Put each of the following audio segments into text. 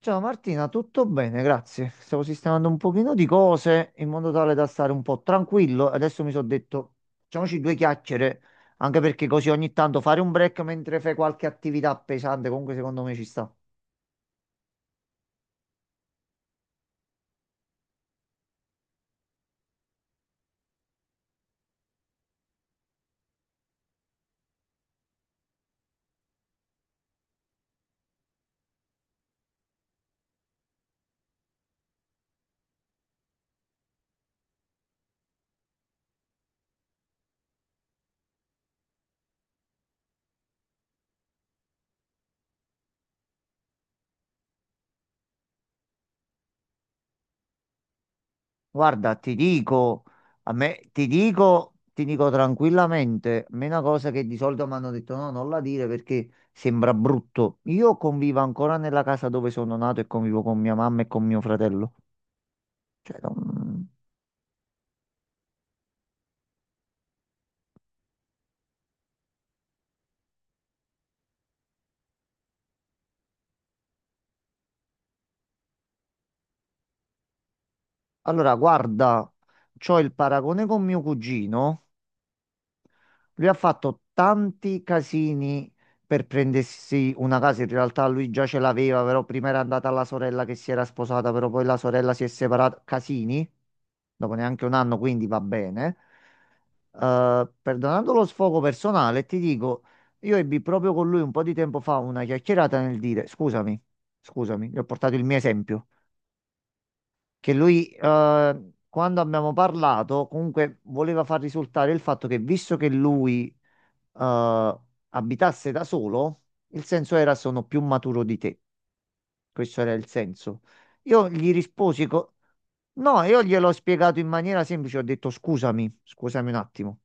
Ciao Martina, tutto bene, grazie. Stavo sistemando un pochino di cose in modo tale da stare un po' tranquillo. Adesso mi sono detto, facciamoci due chiacchiere, anche perché così ogni tanto fare un break mentre fai qualche attività pesante, comunque secondo me ci sta. Guarda, ti dico, a me, ti dico tranquillamente, a me una cosa che di solito mi hanno detto no, non la dire perché sembra brutto. Io convivo ancora nella casa dove sono nato e convivo con mia mamma e con mio fratello. Cioè, non- Allora, guarda, c'ho il paragone con mio cugino. Lui ha fatto tanti casini per prendersi una casa. In realtà lui già ce l'aveva, però prima era andata la sorella che si era sposata, però poi la sorella si è separata. Casini, dopo neanche un anno, quindi va bene. Perdonando lo sfogo personale, ti dico, io ebbi proprio con lui un po' di tempo fa una chiacchierata nel dire, scusami, gli ho portato il mio esempio. Che lui, quando abbiamo parlato, comunque voleva far risultare il fatto che visto che lui, eh, abitasse da solo, il senso era sono più maturo di te. Questo era il senso. Io gli risposi, no, io gliel'ho spiegato in maniera semplice, ho detto scusami un attimo.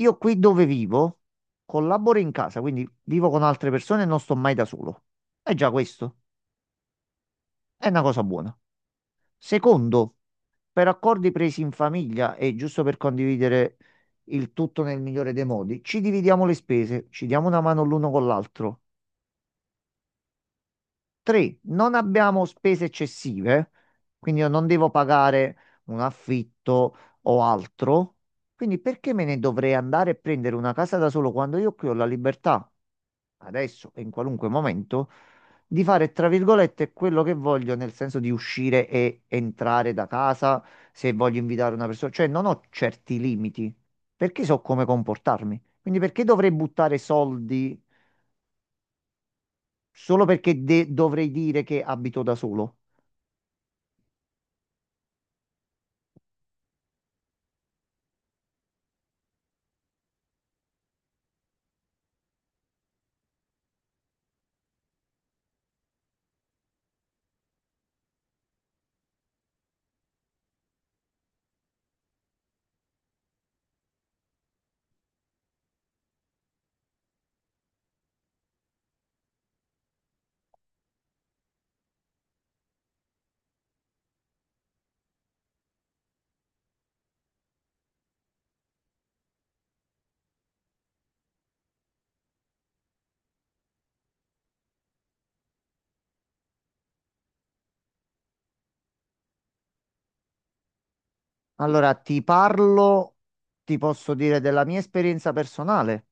Io qui dove vivo collaboro in casa, quindi vivo con altre persone e non sto mai da solo. È già questo, è una cosa buona. Secondo, per accordi presi in famiglia e giusto per condividere il tutto nel migliore dei modi, ci dividiamo le spese, ci diamo una mano l'uno con l'altro. Tre, non abbiamo spese eccessive, quindi io non devo pagare un affitto o altro. Quindi perché me ne dovrei andare e prendere una casa da solo quando io qui ho la libertà, adesso e in qualunque momento, di fare, tra virgolette, quello che voglio, nel senso di uscire e entrare da casa se voglio invitare una persona. Cioè non ho certi limiti, perché so come comportarmi. Quindi perché dovrei buttare soldi solo perché dovrei dire che abito da solo? Allora, ti parlo, ti posso dire della mia esperienza personale,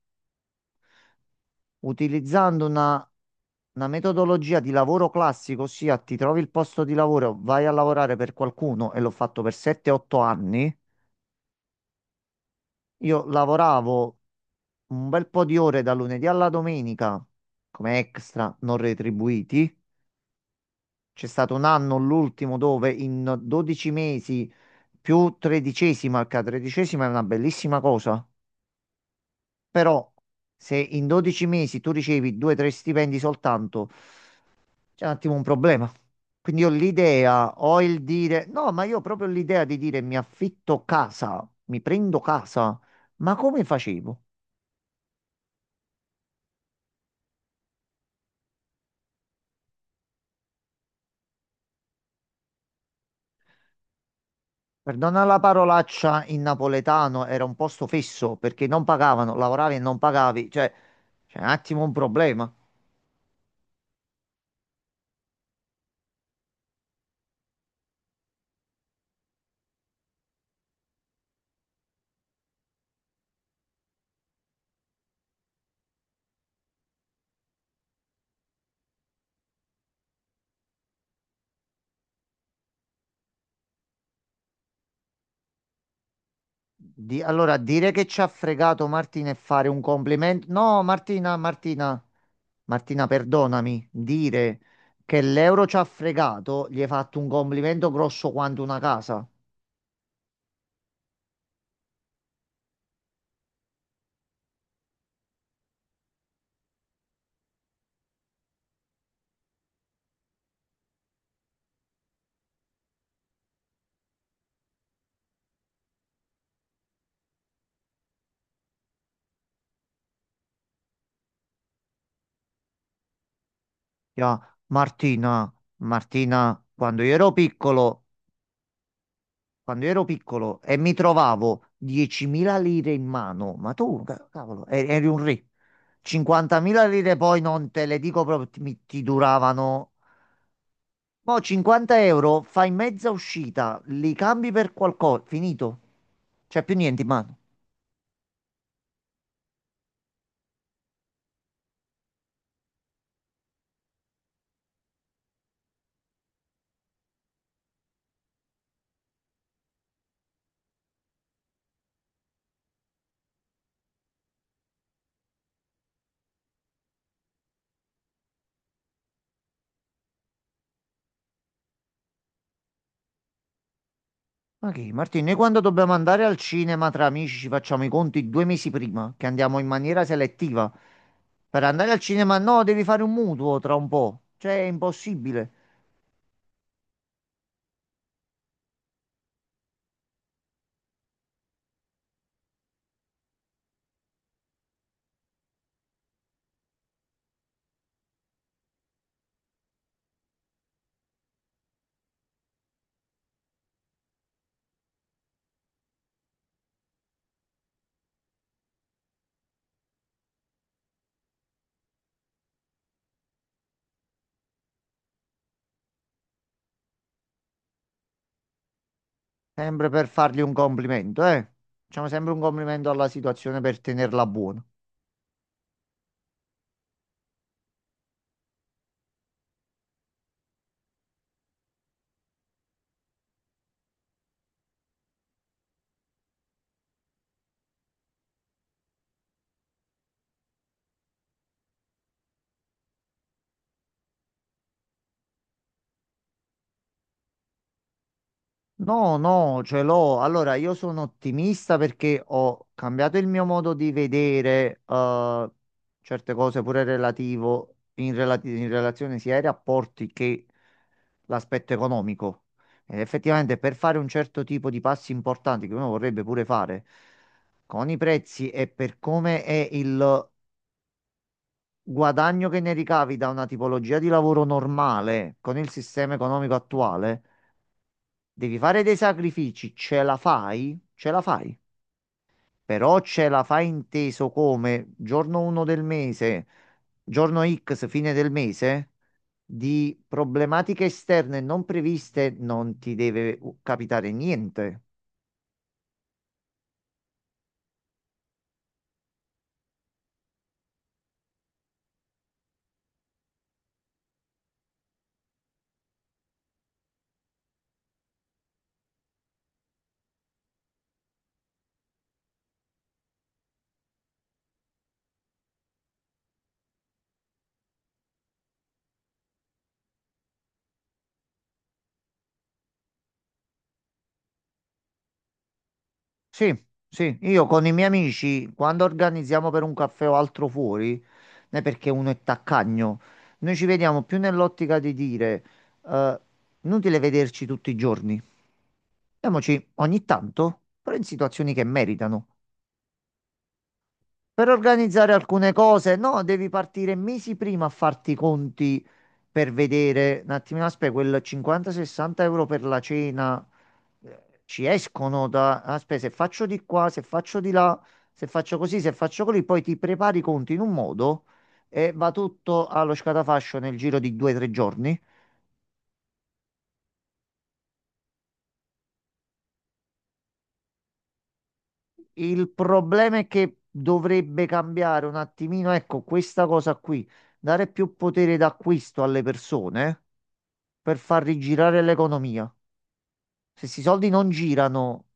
utilizzando una metodologia di lavoro classico, ossia ti trovi il posto di lavoro, vai a lavorare per qualcuno e l'ho fatto per 7-8 anni. Io lavoravo un bel po' di ore da lunedì alla domenica come extra non retribuiti. C'è stato un anno, l'ultimo, dove in 12 mesi più tredicesima, che la tredicesima è una bellissima cosa. Però se in 12 mesi tu ricevi 2-3 stipendi soltanto, c'è un attimo un problema. Quindi ho l'idea, ho il dire, no, ma io ho proprio l'idea di dire mi affitto casa, mi prendo casa, ma come facevo? Perdona la parolaccia in napoletano, era un posto fisso perché non pagavano, lavoravi e non pagavi, cioè c'è un attimo un problema. Allora, dire che ci ha fregato Martina e fare un complimento. No, Martina, Martina, Martina, perdonami. Dire che l'euro ci ha fregato, gli hai fatto un complimento grosso quanto una casa. Ya, Martina, Martina, quando io ero piccolo e mi trovavo 10.000 lire in mano, ma tu, cavolo, eri un re. 50.000 lire poi non te le dico proprio, ti duravano. Mo' 50 euro, fai mezza uscita, li cambi per qualcosa, finito. C'è più niente in mano. Ma che, Martino, noi quando dobbiamo andare al cinema tra amici ci facciamo i conti due mesi prima, che andiamo in maniera selettiva. Per andare al cinema no, devi fare un mutuo tra un po'. Cioè, è impossibile. Sempre per fargli un complimento, eh. Facciamo sempre un complimento alla situazione per tenerla buona. No, no, ce l'ho. Allora, io sono ottimista perché ho cambiato il mio modo di vedere certe cose, pure relativo, in relazione sia ai rapporti che l'aspetto economico. Ed effettivamente per fare un certo tipo di passi importanti che uno vorrebbe pure fare con i prezzi e per come è il guadagno che ne ricavi da una tipologia di lavoro normale con il sistema economico attuale. Devi fare dei sacrifici, ce la fai? Ce la fai. Però ce la fai inteso come giorno 1 del mese, giorno X, fine del mese, di problematiche esterne non previste non ti deve capitare niente. Sì, sì, io con i miei amici, quando organizziamo per un caffè o altro fuori, non è perché uno è taccagno, noi ci vediamo più nell'ottica di dire, eh, inutile vederci tutti i giorni, vediamoci ogni tanto, però in situazioni che meritano. Per organizzare alcune cose, no, devi partire mesi prima a farti i conti per vedere un attimino, aspetta, quel 50-60 € per la cena ci escono da, aspetta, se faccio di qua, se faccio di là, se faccio così, se faccio così, poi ti prepari i conti in un modo e va tutto allo scatafascio nel giro di 2-3 giorni. Il problema è che dovrebbe cambiare un attimino, ecco, questa cosa qui, dare più potere d'acquisto alle persone per far rigirare l'economia. Se questi soldi non girano,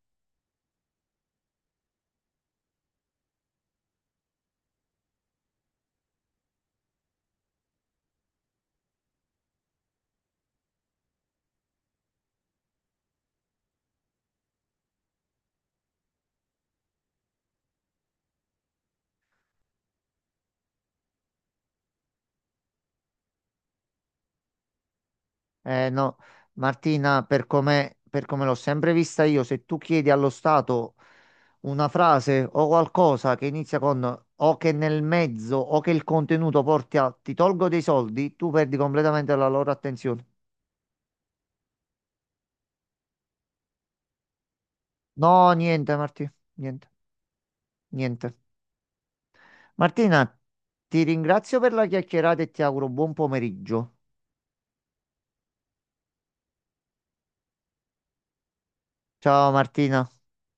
no, Martina, per come l'ho sempre vista io, se tu chiedi allo Stato una frase o qualcosa che inizia con o che nel mezzo o che il contenuto porti a ti tolgo dei soldi, tu perdi completamente la loro attenzione. No, niente, Martina, niente, niente. Martina, ti ringrazio per la chiacchierata e ti auguro buon pomeriggio. Ciao Martina.